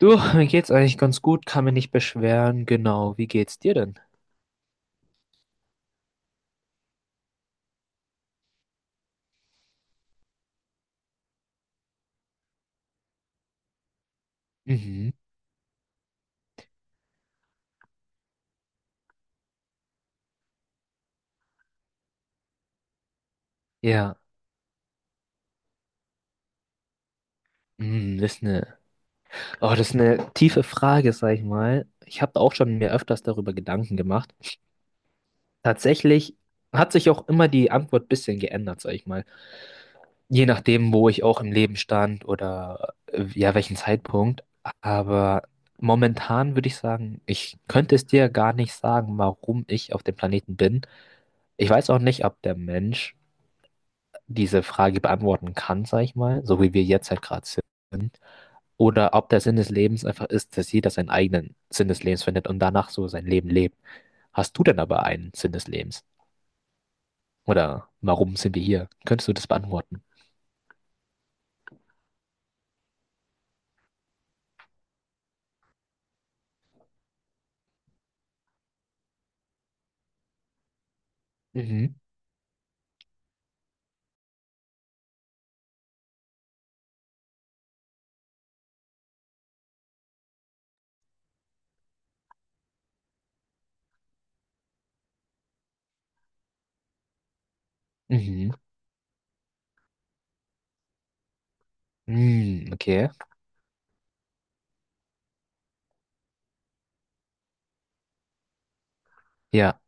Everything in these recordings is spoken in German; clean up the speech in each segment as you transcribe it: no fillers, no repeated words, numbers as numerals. Du, mir geht's eigentlich ganz gut, kann mich nicht beschweren. Genau, wie geht's dir denn? Mhm. Ja, das ist eine, oh, das ist eine tiefe Frage, sag ich mal. Ich habe auch schon mir öfters darüber Gedanken gemacht. Tatsächlich hat sich auch immer die Antwort ein bisschen geändert, sag ich mal. Je nachdem, wo ich auch im Leben stand oder ja, welchen Zeitpunkt. Aber momentan würde ich sagen, ich könnte es dir gar nicht sagen, warum ich auf dem Planeten bin. Ich weiß auch nicht, ob der Mensch diese Frage beantworten kann, sag ich mal, so wie wir jetzt halt gerade sind. Oder ob der Sinn des Lebens einfach ist, dass jeder seinen eigenen Sinn des Lebens findet und danach so sein Leben lebt. Hast du denn aber einen Sinn des Lebens? Oder warum sind wir hier? Könntest du das beantworten? Mhm. Mhm. Mhm. Okay. Ja.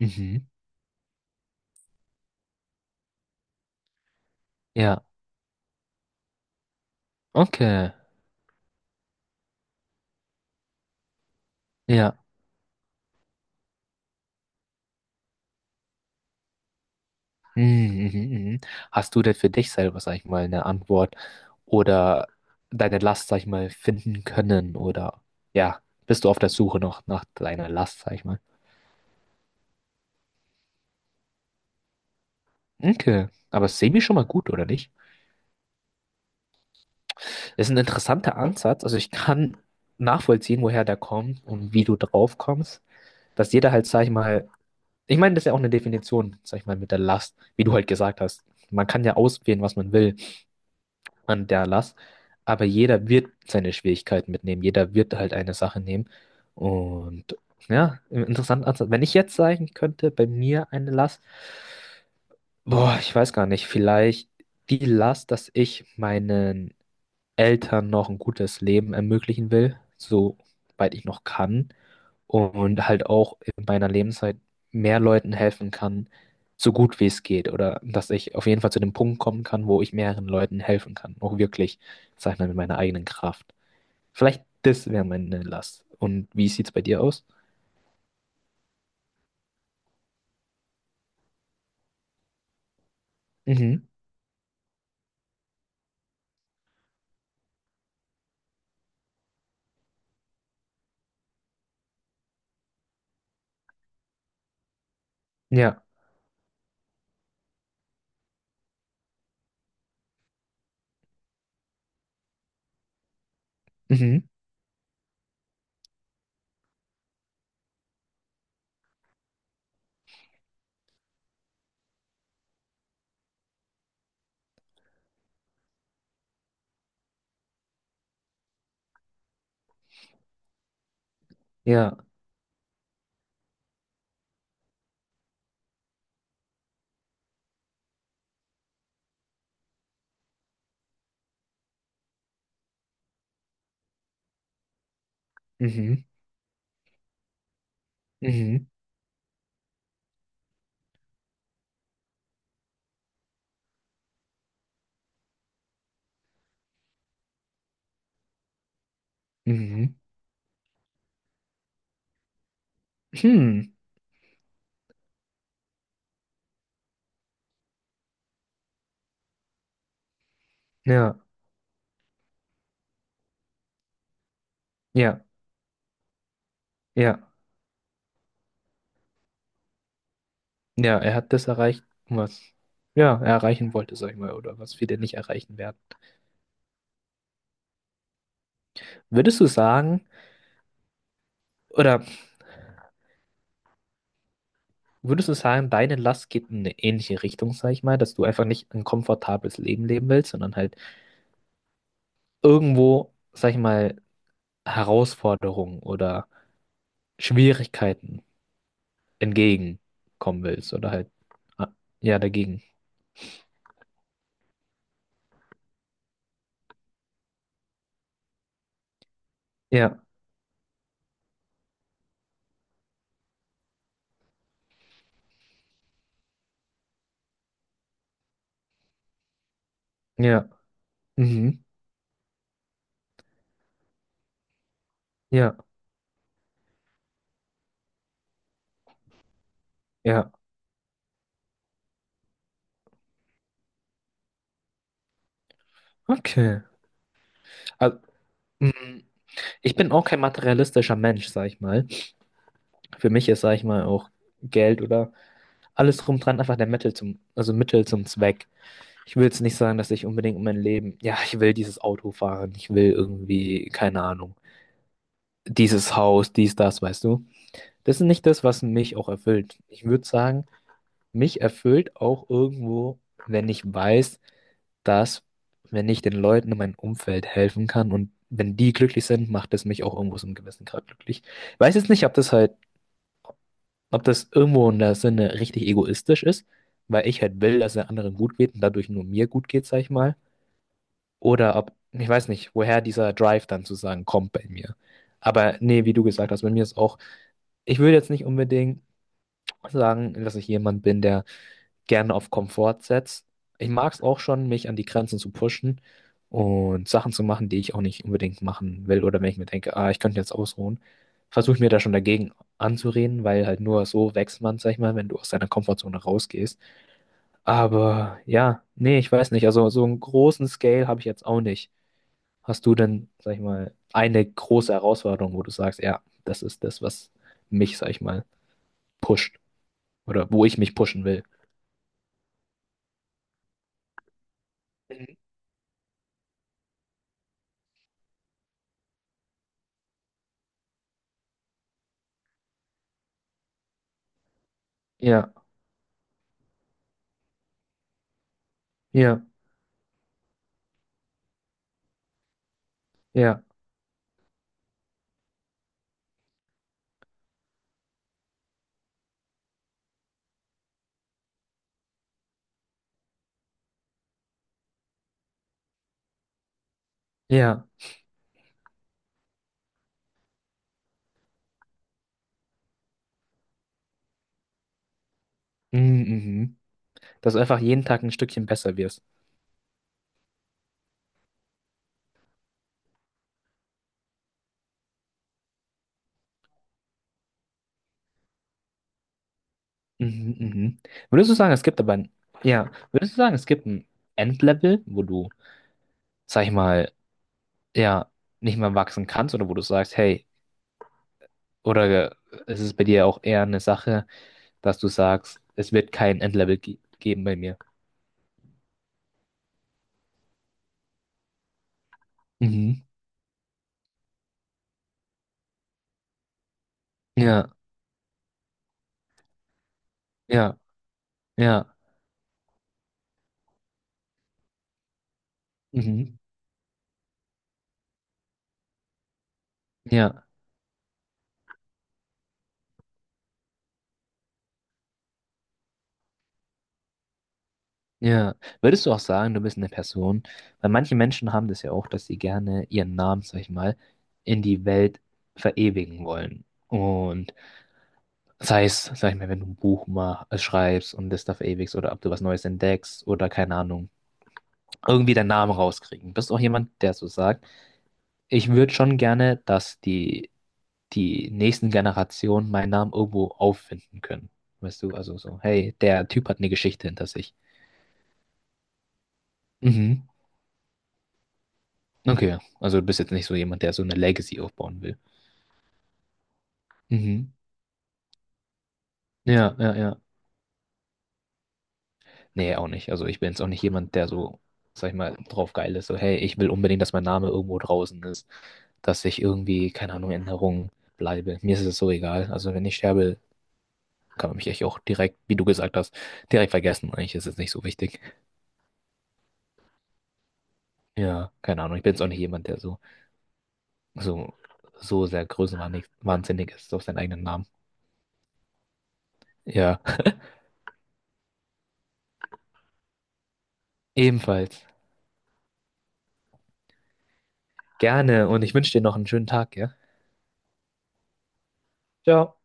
Mhm. Ja. Okay. Ja. Mhm, mhm, mhm. Hast du denn für dich selber, sag ich mal, eine Antwort oder deine Last, sag ich mal, finden können oder ja, bist du auf der Suche noch nach deiner Last, sag ich mal? Okay, aber semi schon mal gut, oder nicht? Ist ein interessanter Ansatz, also ich kann nachvollziehen, woher der kommt und wie du drauf kommst, dass jeder halt, sag ich mal, ich meine, das ist ja auch eine Definition, sag ich mal, mit der Last, wie du halt gesagt hast. Man kann ja auswählen, was man will an der Last. Aber jeder wird seine Schwierigkeiten mitnehmen. Jeder wird halt eine Sache nehmen. Und ja, interessant. Also, wenn ich jetzt sagen könnte, bei mir eine Last, boah, ich weiß gar nicht, vielleicht die Last, dass ich meinen Eltern noch ein gutes Leben ermöglichen will, soweit ich noch kann und halt auch in meiner Lebenszeit mehr Leuten helfen kann, so gut wie es geht. Oder dass ich auf jeden Fall zu dem Punkt kommen kann, wo ich mehreren Leuten helfen kann. Auch wirklich, sag ich mal, mit meiner eigenen Kraft. Vielleicht das wäre meine Last. Und wie sieht's bei dir aus? Mhm. Ja. Mhm. Ja. Mhm. Mhm. Mhm. Hm. Ja. Ja. Ja. Ja, er hat das erreicht, was ja, er erreichen wollte, sag ich mal, oder was viele nicht erreichen werden. Würdest du sagen, oder würdest du sagen, deine Last geht in eine ähnliche Richtung, sag ich mal, dass du einfach nicht ein komfortables Leben leben willst, sondern halt irgendwo, sag ich mal, Herausforderungen oder Schwierigkeiten entgegenkommen willst oder halt, ah, ja, dagegen. Ja, ja, mhm, ja, ja, okay. Also, mm, ich bin auch kein materialistischer Mensch, sag ich mal. Für mich ist, sag ich mal, auch Geld oder alles drum dran einfach der Mittel zum, also Mittel zum Zweck. Ich will jetzt nicht sagen, dass ich unbedingt mein Leben, ja, ich will dieses Auto fahren, ich will irgendwie, keine Ahnung, dieses Haus, dies, das, weißt du? Das ist nicht das, was mich auch erfüllt. Ich würde sagen, mich erfüllt auch irgendwo, wenn ich weiß, dass, wenn ich den Leuten in meinem Umfeld helfen kann und wenn die glücklich sind, macht es mich auch irgendwo so einem gewissen Grad glücklich. Ich weiß jetzt nicht, ob das halt, ob das irgendwo in der Sinne richtig egoistisch ist, weil ich halt will, dass es anderen gut geht und dadurch nur mir gut geht, sag ich mal. Oder ob, ich weiß nicht, woher dieser Drive dann zu sagen kommt bei mir. Aber nee, wie du gesagt hast, bei mir ist auch, ich würde jetzt nicht unbedingt sagen, dass ich jemand bin, der gerne auf Komfort setzt. Ich mag es auch schon, mich an die Grenzen zu pushen und Sachen zu machen, die ich auch nicht unbedingt machen will. Oder wenn ich mir denke, ah, ich könnte jetzt ausruhen, versuche ich mir da schon dagegen anzureden, weil halt nur so wächst man, sag ich mal, wenn du aus deiner Komfortzone rausgehst. Aber ja, nee, ich weiß nicht. Also so einen großen Scale habe ich jetzt auch nicht. Hast du denn, sag ich mal, eine große Herausforderung, wo du sagst, ja, das ist das, was mich, sag ich mal, pusht oder wo ich mich pushen will? Mhm. Ja, ja, ja, ja. Mhm, mhm. Dass du einfach jeden Tag ein Stückchen besser wirst. Mhm, mhm. Würdest du sagen, es gibt aber ein, ja, würdest du sagen, es gibt ein Endlevel, wo du, sag ich mal, ja, nicht mehr wachsen kannst oder wo du sagst, hey, oder ist es bei dir auch eher eine Sache, dass du sagst, es wird kein Endlevel ge geben bei mir? Mhm. Ja, ja, ja, mhm, ja, ja. Würdest du auch sagen, du bist eine Person, weil manche Menschen haben das ja auch, dass sie gerne ihren Namen, sag ich mal, in die Welt verewigen wollen. Und sei es, sag ich mal, wenn du ein schreibst und das da verewigst oder ob du was Neues entdeckst oder keine Ahnung, irgendwie deinen Namen rauskriegen. Bist du auch jemand, der so sagt, ich würde schon gerne, dass die, die nächsten Generationen meinen Namen irgendwo auffinden können. Weißt du, also so, hey, der Typ hat eine Geschichte hinter sich. Mhm. Okay, also du bist jetzt nicht so jemand, der so eine Legacy aufbauen will. Mhm. Ja, ja, ja. Nee, auch nicht. Also ich bin jetzt auch nicht jemand, der so, sag ich mal, drauf geil ist. So, hey, ich will unbedingt, dass mein Name irgendwo draußen ist. Dass ich irgendwie, keine Ahnung, in Erinnerung bleibe. Mir ist es so egal. Also wenn ich sterbe, kann man mich echt auch direkt, wie du gesagt hast, direkt vergessen. Eigentlich ist es nicht so wichtig. Ja, keine Ahnung. Ich bin jetzt auch nicht jemand, der so, so, so sehr größenwahnsinnig wahnsinnig ist auf seinen eigenen Namen. Ja, ebenfalls. Gerne und ich wünsche dir noch einen schönen Tag, ja? Ciao.